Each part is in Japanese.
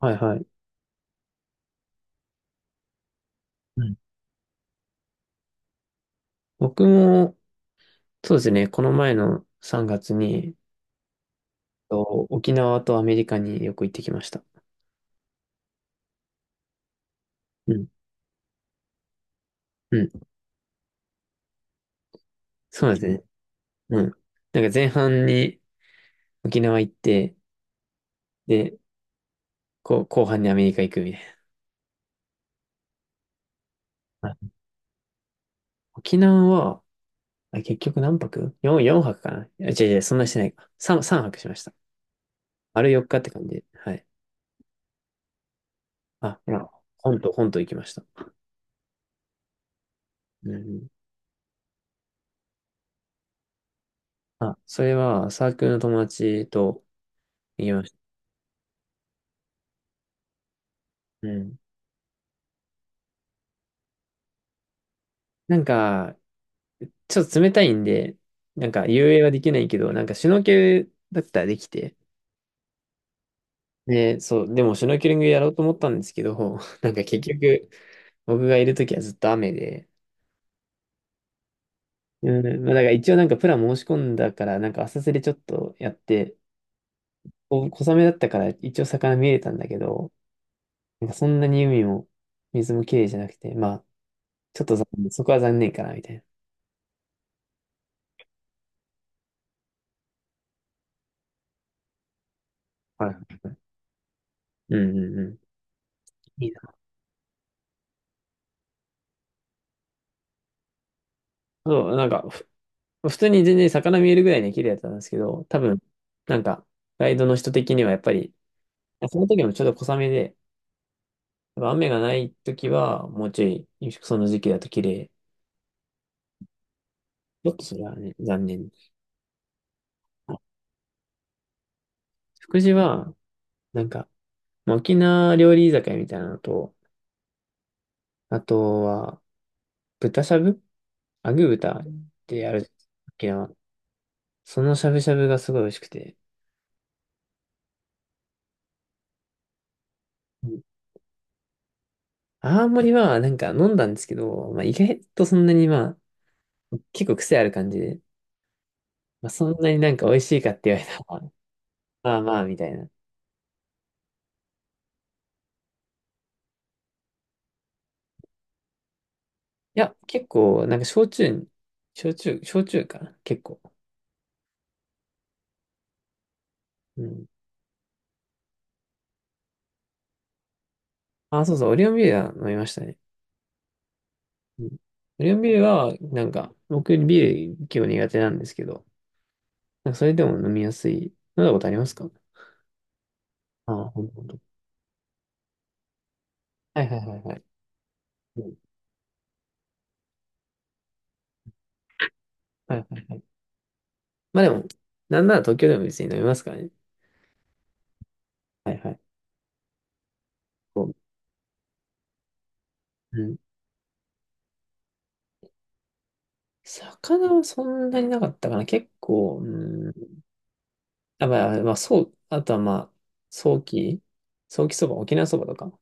はいはい。うん、僕も、そうですね、この前の3月に、と沖縄とアメリカによく行ってきました。うん。うん。そうですね。うん。なんか前半に沖縄行って、で、こう、後半にアメリカ行くみたいな。はい。沖縄は、結局何泊? 4泊かなあ。違う違う、そんなしてないか。3、三泊しました。丸4日って感じで。はい。あ、ほら、本島行きました。うん。あ、それはサークルの友達と行きました。うん。なんか、ちょっと冷たいんで、なんか遊泳はできないけど、なんかシュノーケルだったらできて、で、そう、でもシュノーケリングやろうと思ったんですけど、なんか結局、僕がいるときはずっと雨で、うん、まあだから一応なんかプラン申し込んだから、なんか浅瀬でちょっとやって、お小雨だったから一応魚見えたんだけど、なんかそんなに海も水も綺麗じゃなくて、まあ、ちょっと残念、そこは残念かな、みたいな。はい。うんうんうん。いいな。そう、なんか、普通に全然魚見えるぐらいね綺麗だったんですけど、多分、なんか、ガイドの人的にはやっぱり、その時もちょっと小雨で、やっぱ雨がない時は、もうちょい、その時期だと綺麗。ちょっとそれはね、残念。福寺は、なんか、まあ沖縄料理居酒屋みたいなのと、あとは、豚しゃぶ、アグ豚ってある、沖縄。そのしゃぶしゃぶがすごい美味しくて。うん。青森は、なんか飲んだんですけど、まあ、意外とそんなにまあ、結構癖ある感じで、まあ、そんなになんか美味しいかって言われたら、まあまあ、みたいな。いや、結構、なんか焼酎かな結構。うん。あ、そうそう、オリオンビールは飲みましたね。うん。オリオンビールは、なんか、僕ビール結構苦手なんですけど、なんかそれでも飲みやすい。飲んだことありますか？ああ、ほんとほんと。はいはいはいはい。うん。はいはいはい。まあでも、なんなら東京でも別に飲みますからね。はいはい。こう、うん。魚はそんなになかったかな。結構、うん。あ、まあ、まあ、そう、あとはまあ、早期、早期そば、沖縄そばとか。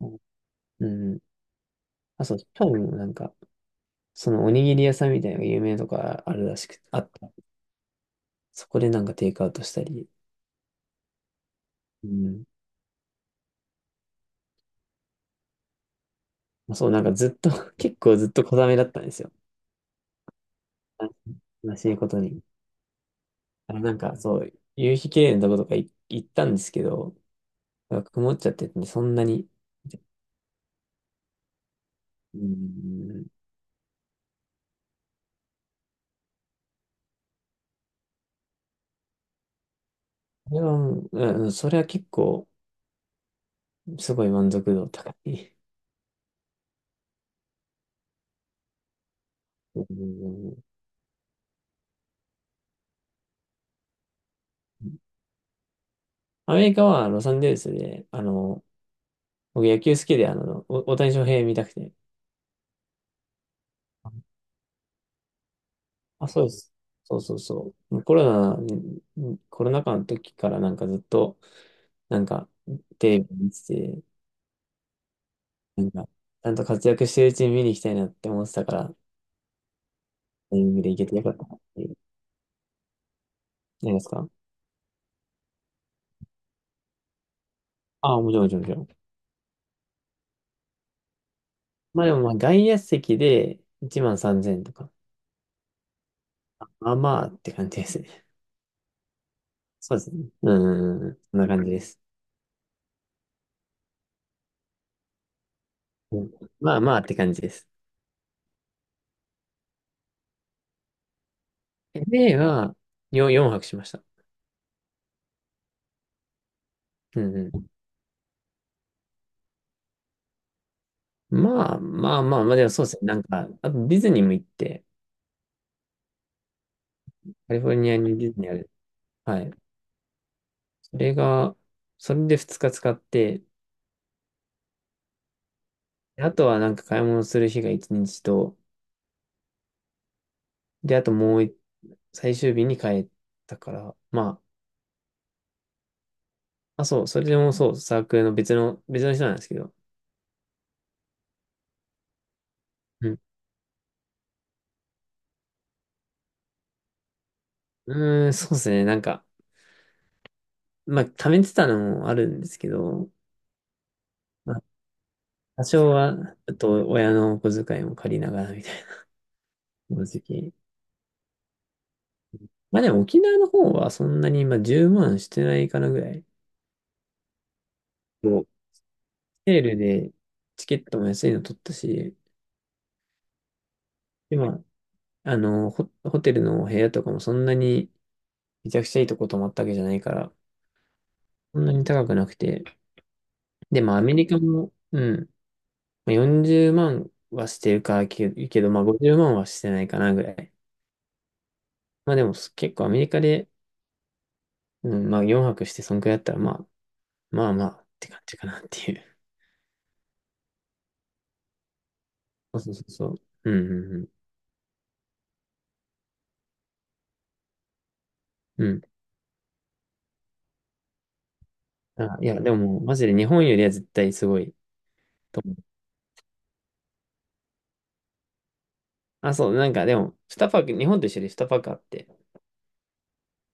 うん。うん。あ、そう、多分なんか、そのおにぎり屋さんみたいなのが有名なとかあるらしく、あった。そこでなんかテイクアウトしたり。うん。まあ、そう、なんかずっと、結構ずっと小雨だったんですよ。あ、悲しいことに。あの、なんかそう、夕日綺麗なとことかい行ったんですけど、なんか曇っちゃっててね、そんなに。うん。それはもう、うん、それは結構、すごい満足度高い。うん。アメリカはロサンゼルスで、僕野球好きで、大谷翔平見たくて。あ、そうです。そうそうそう。コロナ禍の時からなんかずっと、なんか、テレビ見てて、なんか、ちゃんと活躍してるうちに見に行きたいなって思ってたから、タイミングで行けてよかったなっていう。何ですか？あ、もちろんもちろんもちろん。まあでも、まあ外野席で1万3000とか。まあまあって感じですね。そうですね。うんうんうん。そんな感じです。うん。まあまあって感じです。LA は4泊しました。うんうん。まあまあまあ、まあでもそうですね。なんか、あとディズニーも行って、カリフォルニアにディズニーある。はい。それが、それで2日使って、であとはなんか買い物する日が1日と、で、あともうい最終日に帰ったから、まあ、あ、そう、それでもそう、サークルの別の人なんですけど、うん。うーん、そうですね。なんか、まあ、貯めてたのもあるんですけど、まあ、多少は、ちょっと親のお小遣いも借りながらみたいな、この時。まあでも沖縄の方はそんなに今10万してないかなぐらい。もう、セールでチケットも安いの取ったし、今、まあ、ホテルの部屋とかもそんなにめちゃくちゃいいとこ泊まったわけじゃないから、そんなに高くなくて。で、まあアメリカも、うん、まあ40万はしてるけど、まあ50万はしてないかなぐらい。まあでも結構アメリカで、うん、まあ4泊してそんくらいだったら、まあ、まあまあって感じかなっていう。そうそうそうそう。うんうんうん。うん。あ、いや、でももうマジで日本よりは絶対すごいと思う。あ、そう、なんかでも、2パーク、日本と一緒で2パークあって、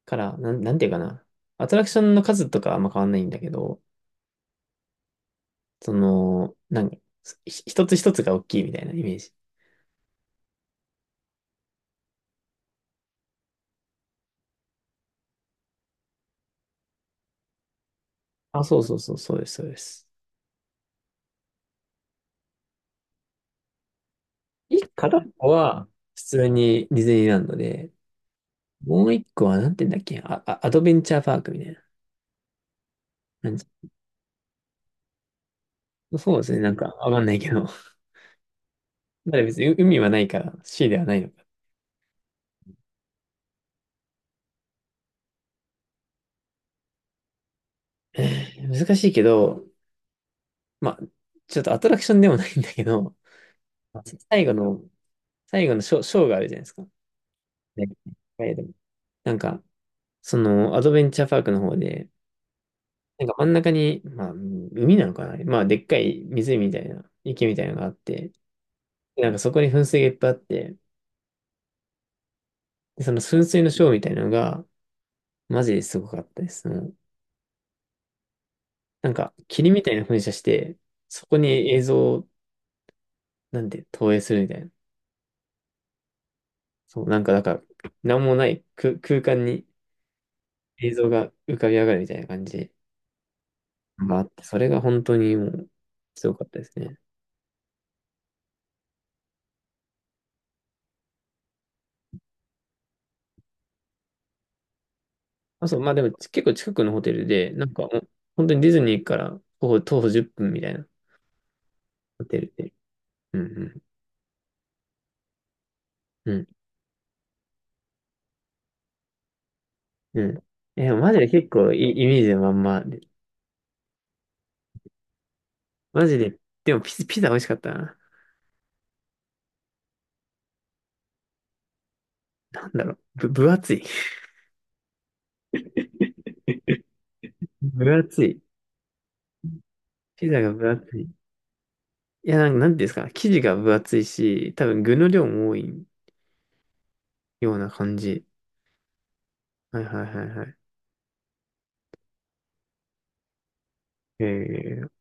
から、なんていうかな。アトラクションの数とかはあんま変わんないんだけど、その、なんか、一つ一つが大きいみたいなイメージ。あ、そうそうそう、そうです、そうです。一個片っぽは、普通にディズニーランドで、もう一個はなんて言うんだっけ、アドベンチャーパークみたいな感じ。そうですね、なんかわかんないけど。まだから別に海はないから、シーではないのか。難しいけど、まあ、ちょっとアトラクションでもないんだけど、最後の、最後のショーがあるじゃないですか。ね。はい。でもなんか、そのアドベンチャーパークの方で、なんか真ん中に、まあ、海なのかな、まあ、でっかい湖みたいな、池みたいなのがあって、でなんかそこに噴水がいっぱいあって、でその噴水のショーみたいなのが、マジですごかったです。もうなんか、霧みたいな噴射して、そこに映像を、なんて、投影するみたいな。そう、なんか、なんもない空間に映像が浮かび上がるみたいな感じがあって、それが本当にもう、すごかったですね。あ、そう、まあでも結構近くのホテルで、なんかもう本当にディズニーから徒歩10分みたいなホテルで。うんうん。うんうん。え、マジで結構いいイメージのまんまで。マジで、でもピザ美味しかったな。なんだろう。分厚い。分厚い。ピザが分厚い。いや、なんていうんですか。生地が分厚いし、多分具の量も多いような感じ。はいはいはいはい。え